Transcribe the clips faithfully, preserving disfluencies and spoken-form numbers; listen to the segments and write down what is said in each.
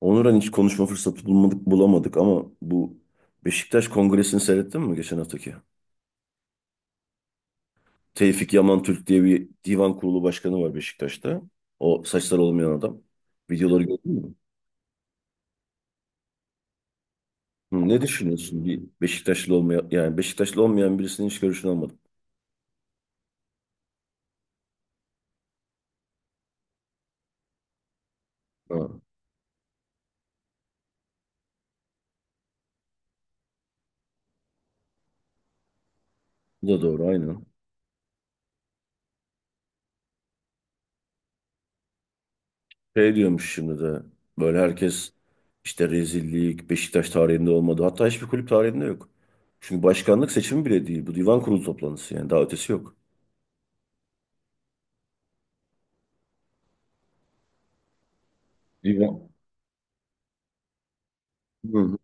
Onuran hiç konuşma fırsatı bulmadık, bulamadık ama bu Beşiktaş Kongresi'ni seyrettin mi geçen haftaki? Tevfik Yaman Türk diye bir divan kurulu başkanı var Beşiktaş'ta. O saçları olmayan adam. Videoları gördün mü? Hı, ne düşünüyorsun? Bir Beşiktaşlı olmayan yani Beşiktaşlı olmayan birisinin hiç görüşünü almadım. Ha, bu da doğru aynen. Şey diyormuş şimdi de böyle herkes işte rezillik Beşiktaş tarihinde olmadı. Hatta hiçbir kulüp tarihinde yok. Çünkü başkanlık seçimi bile değil. Bu divan kurulu toplantısı yani daha ötesi yok. Divan. Hı.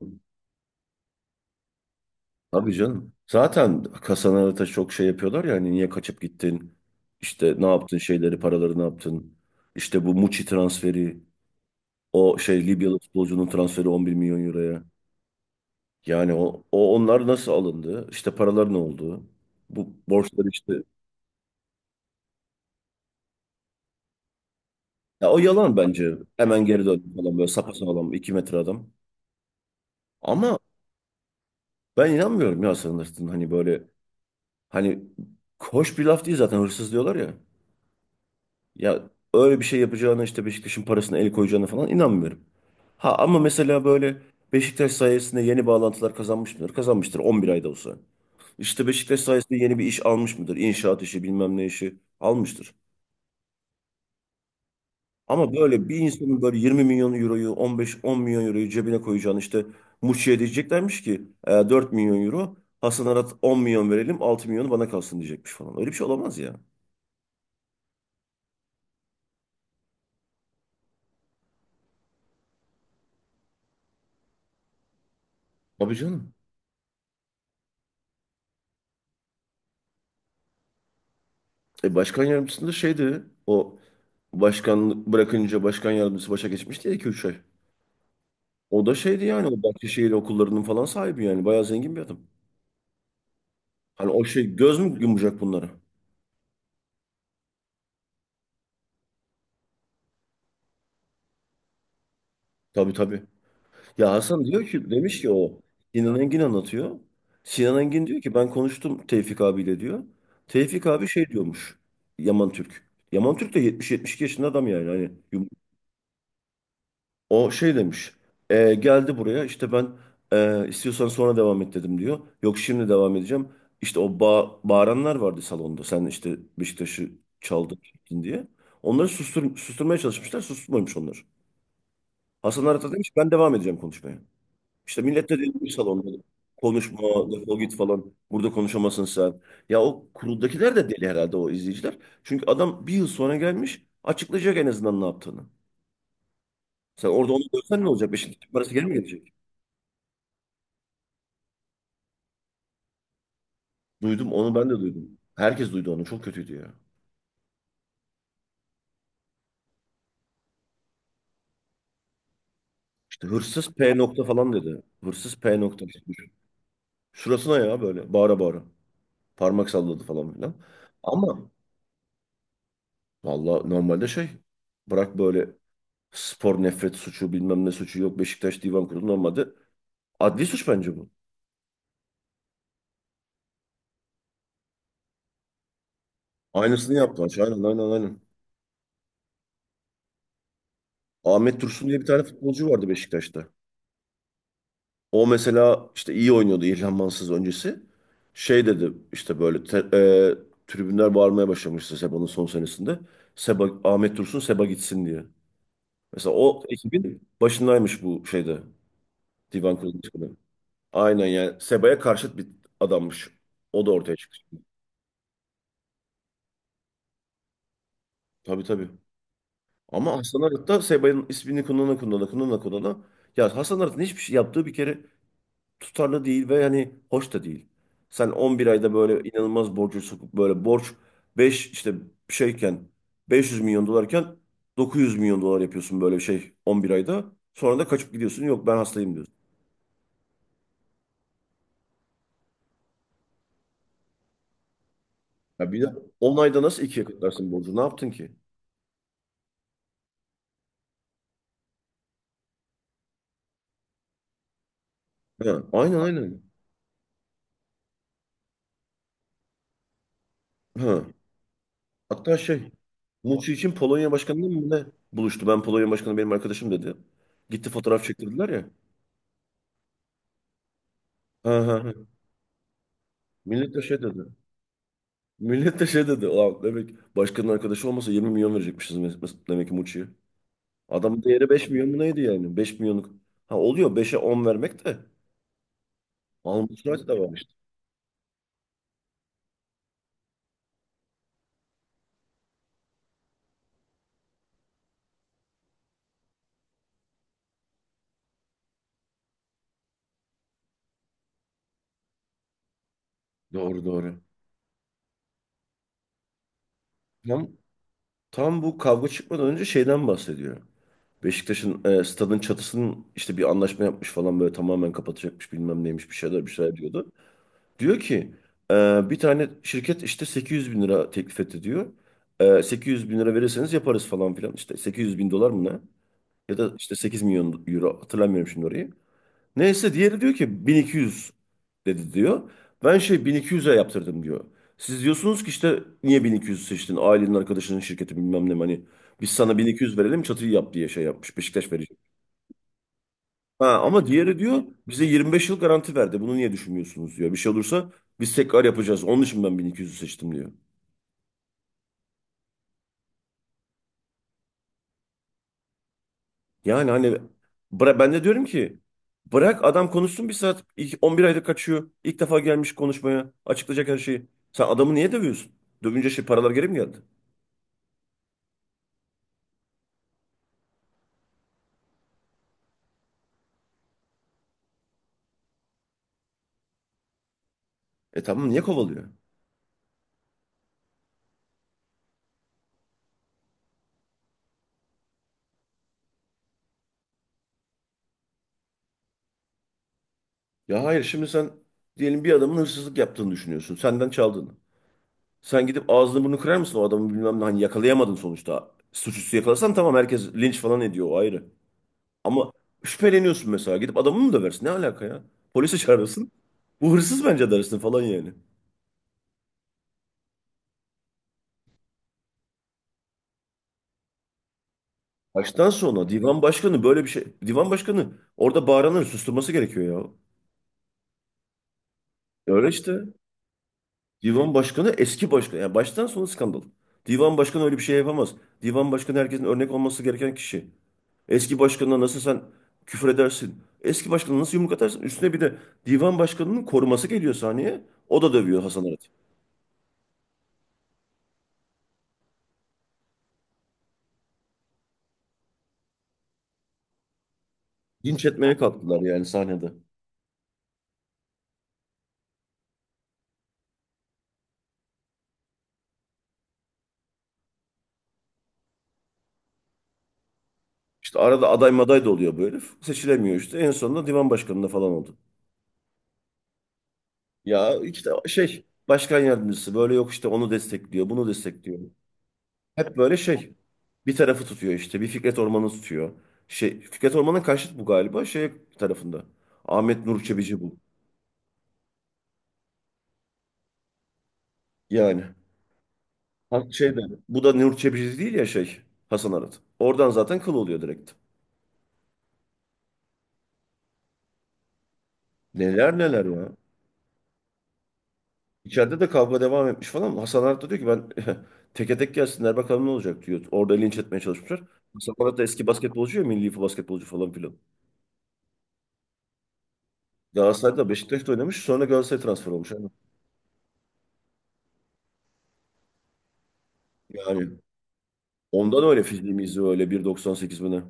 Tabii canım. Zaten kasalara da çok şey yapıyorlar ya hani niye kaçıp gittin? İşte ne yaptın şeyleri, paraları ne yaptın? İşte bu Muçi transferi, o şey Libyalı futbolcunun transferi on bir milyon euroya. Yani o, o onlar nasıl alındı? İşte paralar ne oldu? Bu borçlar işte. Ya o yalan bence. Hemen geri döndü falan böyle sapasağlam iki metre adam. Ama ben inanmıyorum ya sanırsın hani böyle hani hoş bir laf değil zaten hırsız diyorlar ya. Ya öyle bir şey yapacağına işte Beşiktaş'ın parasına el koyacağına falan inanmıyorum. Ha ama mesela böyle Beşiktaş sayesinde yeni bağlantılar kazanmış mıdır? Kazanmıştır on bir ayda olsa. İşte Beşiktaş sayesinde yeni bir iş almış mıdır? İnşaat işi bilmem ne işi almıştır. Ama böyle bir insanın böyle yirmi milyon euroyu on beş on milyon euroyu cebine koyacağını işte Muçi'ye diyeceklermiş ki: "E, dört milyon euro Hasan Arat on milyon verelim altı milyonu bana kalsın diyecekmiş falan." Öyle bir şey olamaz ya. Tabii canım. E, başkan yardımcısında da şeydi o, başkanlık bırakınca başkan yardımcısı başa geçmişti ya iki üç üç ay. O da şeydi yani o Bahçeşehir okullarının falan sahibi, yani bayağı zengin bir adam. Hani o şey göz mü yumacak bunlara? Tabii tabii. Ya Hasan diyor ki, demiş ki o, Sinan Engin anlatıyor. Sinan Engin diyor ki ben konuştum Tevfik abiyle diyor. Tevfik abi şey diyormuş, Yaman Türk. Yaman Türk de yetmiş 72 yaşında adam yani hani. O şey demiş. "E, geldi buraya işte ben e, istiyorsan sonra devam et dedim" diyor. "Yok şimdi devam edeceğim." İşte o ba bağıranlar vardı salonda. Sen işte Beşiktaş'ı çaldın çektin diye. Onları sustur susturmaya çalışmışlar. Susturmamış onlar. Hasan Arat'a demiş ben devam edeceğim konuşmaya. İşte millet de delirmiş salonda. Konuşma, defol git falan. Burada konuşamazsın sen. Ya o kuruldakiler de deli herhalde, o izleyiciler. Çünkü adam bir yıl sonra gelmiş. Açıklayacak en azından ne yaptığını. Sen orada onu görsen ne olacak? Beşiktaş'ın parası geri mi gelecek? Duydum onu, ben de duydum. Herkes duydu onu. Çok kötüydü ya. İşte "hırsız P nokta" falan dedi. Hırsız P nokta. Şurasına ya, böyle bağıra bağıra. Parmak salladı falan filan. Ama valla normalde şey, bırak böyle spor nefret suçu bilmem ne suçu, yok Beşiktaş Divan Kurulu normalde, adli suç bence bu. Aynısını yaptılar. Aynen aynen aynen. Ahmet Dursun diye bir tane futbolcu vardı Beşiktaş'ta. O mesela işte iyi oynuyordu İlhan Mansız öncesi. Şey dedi işte böyle, te- e, tribünler bağırmaya başlamıştı Seba'nın son senesinde. Seba, Ahmet Dursun, Seba gitsin diye. Mesela o ekibin başındaymış bu şeyde. Divan Kurulu çıkıyor. Aynen yani, Seba'ya karşıt bir adammış. O da ortaya çıktı. Tabii tabii. Ama Hasan Arat Seba'nın ismini kullanana kullanana kullanana kullanana. Ya Hasan Arat'ın hiçbir şey yaptığı bir kere tutarlı değil ve hani hoş da değil. Sen on bir ayda böyle inanılmaz borcu sokup, böyle borç beş işte şeyken beş yüz milyon dolarken dokuz yüz milyon dolar yapıyorsun böyle şey on bir ayda. Sonra da kaçıp gidiyorsun, yok ben hastayım diyorsun. Ya bir de on ayda nasıl ikiye katlarsın borcu, ne yaptın ki? Ha, aynen aynen. Ha. Hatta şey, Muçi için Polonya Başkanı'yla mı ne buluştu? Ben Polonya Başkanı benim arkadaşım dedi. Gitti fotoğraf çektirdiler ya. Ha ha ha. Millet de şey dedi. Millet de şey dedi. Ulan, demek başkanın arkadaşı olmasa yirmi milyon verecekmişiz mes- mes- demek ki Muçi'ye. Adamın değeri beş milyon mu neydi yani? Beş milyonluk. Ha, oluyor beşe on vermek de. Almutrak da var işte. Doğru doğru. Tam, tam bu kavga çıkmadan önce şeyden bahsediyor. Beşiktaş'ın e, stadın çatısının işte bir anlaşma yapmış falan, böyle tamamen kapatacakmış bilmem neymiş, bir şeyler bir şeyler diyordu. Diyor ki e, bir tane şirket işte sekiz yüz bin lira teklif etti diyor. E, sekiz yüz bin lira verirseniz yaparız falan filan, işte sekiz yüz bin dolar mı ne? Ya da işte sekiz milyon euro, hatırlamıyorum şimdi orayı. Neyse diğeri diyor ki bin iki yüz dedi diyor. Ben şey bin iki yüze yaptırdım diyor. Siz diyorsunuz ki işte niye bin iki yüz seçtin? Ailenin arkadaşının şirketi bilmem ne hani. Biz sana bin iki yüz verelim çatıyı yap diye şey yapmış. Beşiktaş verecek. Ha, ama diğeri diyor bize yirmi beş yıl garanti verdi. Bunu niye düşünmüyorsunuz diyor. Bir şey olursa biz tekrar yapacağız. Onun için ben bin iki yüzü seçtim diyor. Yani hani bıra ben de diyorum ki bırak adam konuşsun bir saat. İlk on bir ayda kaçıyor. İlk defa gelmiş konuşmaya. Açıklayacak her şeyi. Sen adamı niye dövüyorsun? Dövünce şey paralar geri mi geldi? E tamam, niye kovalıyor? Ya hayır, şimdi sen diyelim bir adamın hırsızlık yaptığını düşünüyorsun. Senden çaldığını. Sen gidip ağzını burnunu kırar mısın o adamı, bilmem ne hani yakalayamadın sonuçta. Suçüstü yakalasan tamam herkes linç falan ediyor, o ayrı. Ama şüpheleniyorsun, mesela gidip adamı mı döversin? Ne alaka ya? Polisi çağırırsın. Bu hırsız bence dersin falan yani. Baştan sona divan başkanı böyle bir şey. Divan başkanı orada bağıranları susturması gerekiyor ya. Öyle işte. Divan başkanı eski başkan. Yani baştan sona skandal. Divan başkanı öyle bir şey yapamaz. Divan başkanı herkesin örnek olması gereken kişi. Eski başkanına nasıl sen küfür edersin? Eski başkanına nasıl yumruk atarsın? Üstüne bir de divan başkanının koruması geliyor sahneye. O da dövüyor Hasan Arat. Linç etmeye kalktılar yani sahnede. İşte arada aday maday da oluyor bu herif. Seçilemiyor işte. En sonunda divan başkanına falan oldu. Ya işte şey başkan yardımcısı böyle yok işte onu destekliyor, bunu destekliyor. Hep böyle şey bir tarafı tutuyor, işte bir Fikret Orman'ı tutuyor. Şey Fikret Orman'ın karşıt bu galiba, şey tarafında. Ahmet Nur Çebici bu. Yani ha, şey de bu da Nur Çebici değil ya şey, Hasan Arat. Oradan zaten kıl oluyor direkt. Neler neler ya. İçeride de kavga devam etmiş falan. Hasan Arat da diyor ki ben teke tek gelsinler bakalım ne olacak diyor. Orada linç etmeye çalışmışlar. Hasan Arat da eski basketbolcu ya, milli basketbolcu falan filan. Galatasaray'da Beşiktaş'ta oynamış. Sonra Galatasaray transfer olmuş. Yani yani ondan öyle fiziğimizi, öyle bir doksan sekiz mi ne?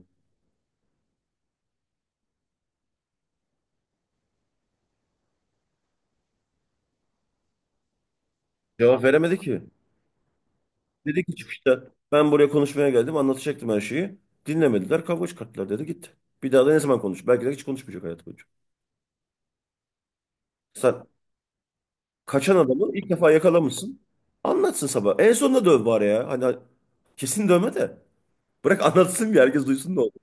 Cevap veremedi ki. Dedi ki çıkışta ben buraya konuşmaya geldim, anlatacaktım her şeyi. Dinlemediler, kavga çıkarttılar dedi, gitti. Bir daha da ne zaman konuş? Belki de hiç konuşmayacak hayatı boyunca. Sen kaçan adamı ilk defa yakalamışsın. Anlatsın sabah. En sonunda döv bari ya. Hani kesin dövme de. Bırak anlatsın bir, herkes duysun da oldu.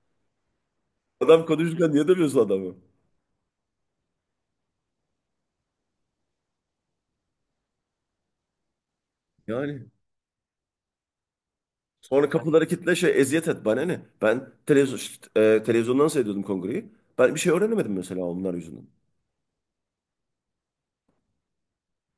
Adam konuşurken niye dövüyorsun adamı? Yani sonra kapıları kilitle şey eziyet et bana ne? Ben televizyon, ş- e, televizyondan seyrediyordum kongreyi. Ben bir şey öğrenemedim mesela onlar yüzünden.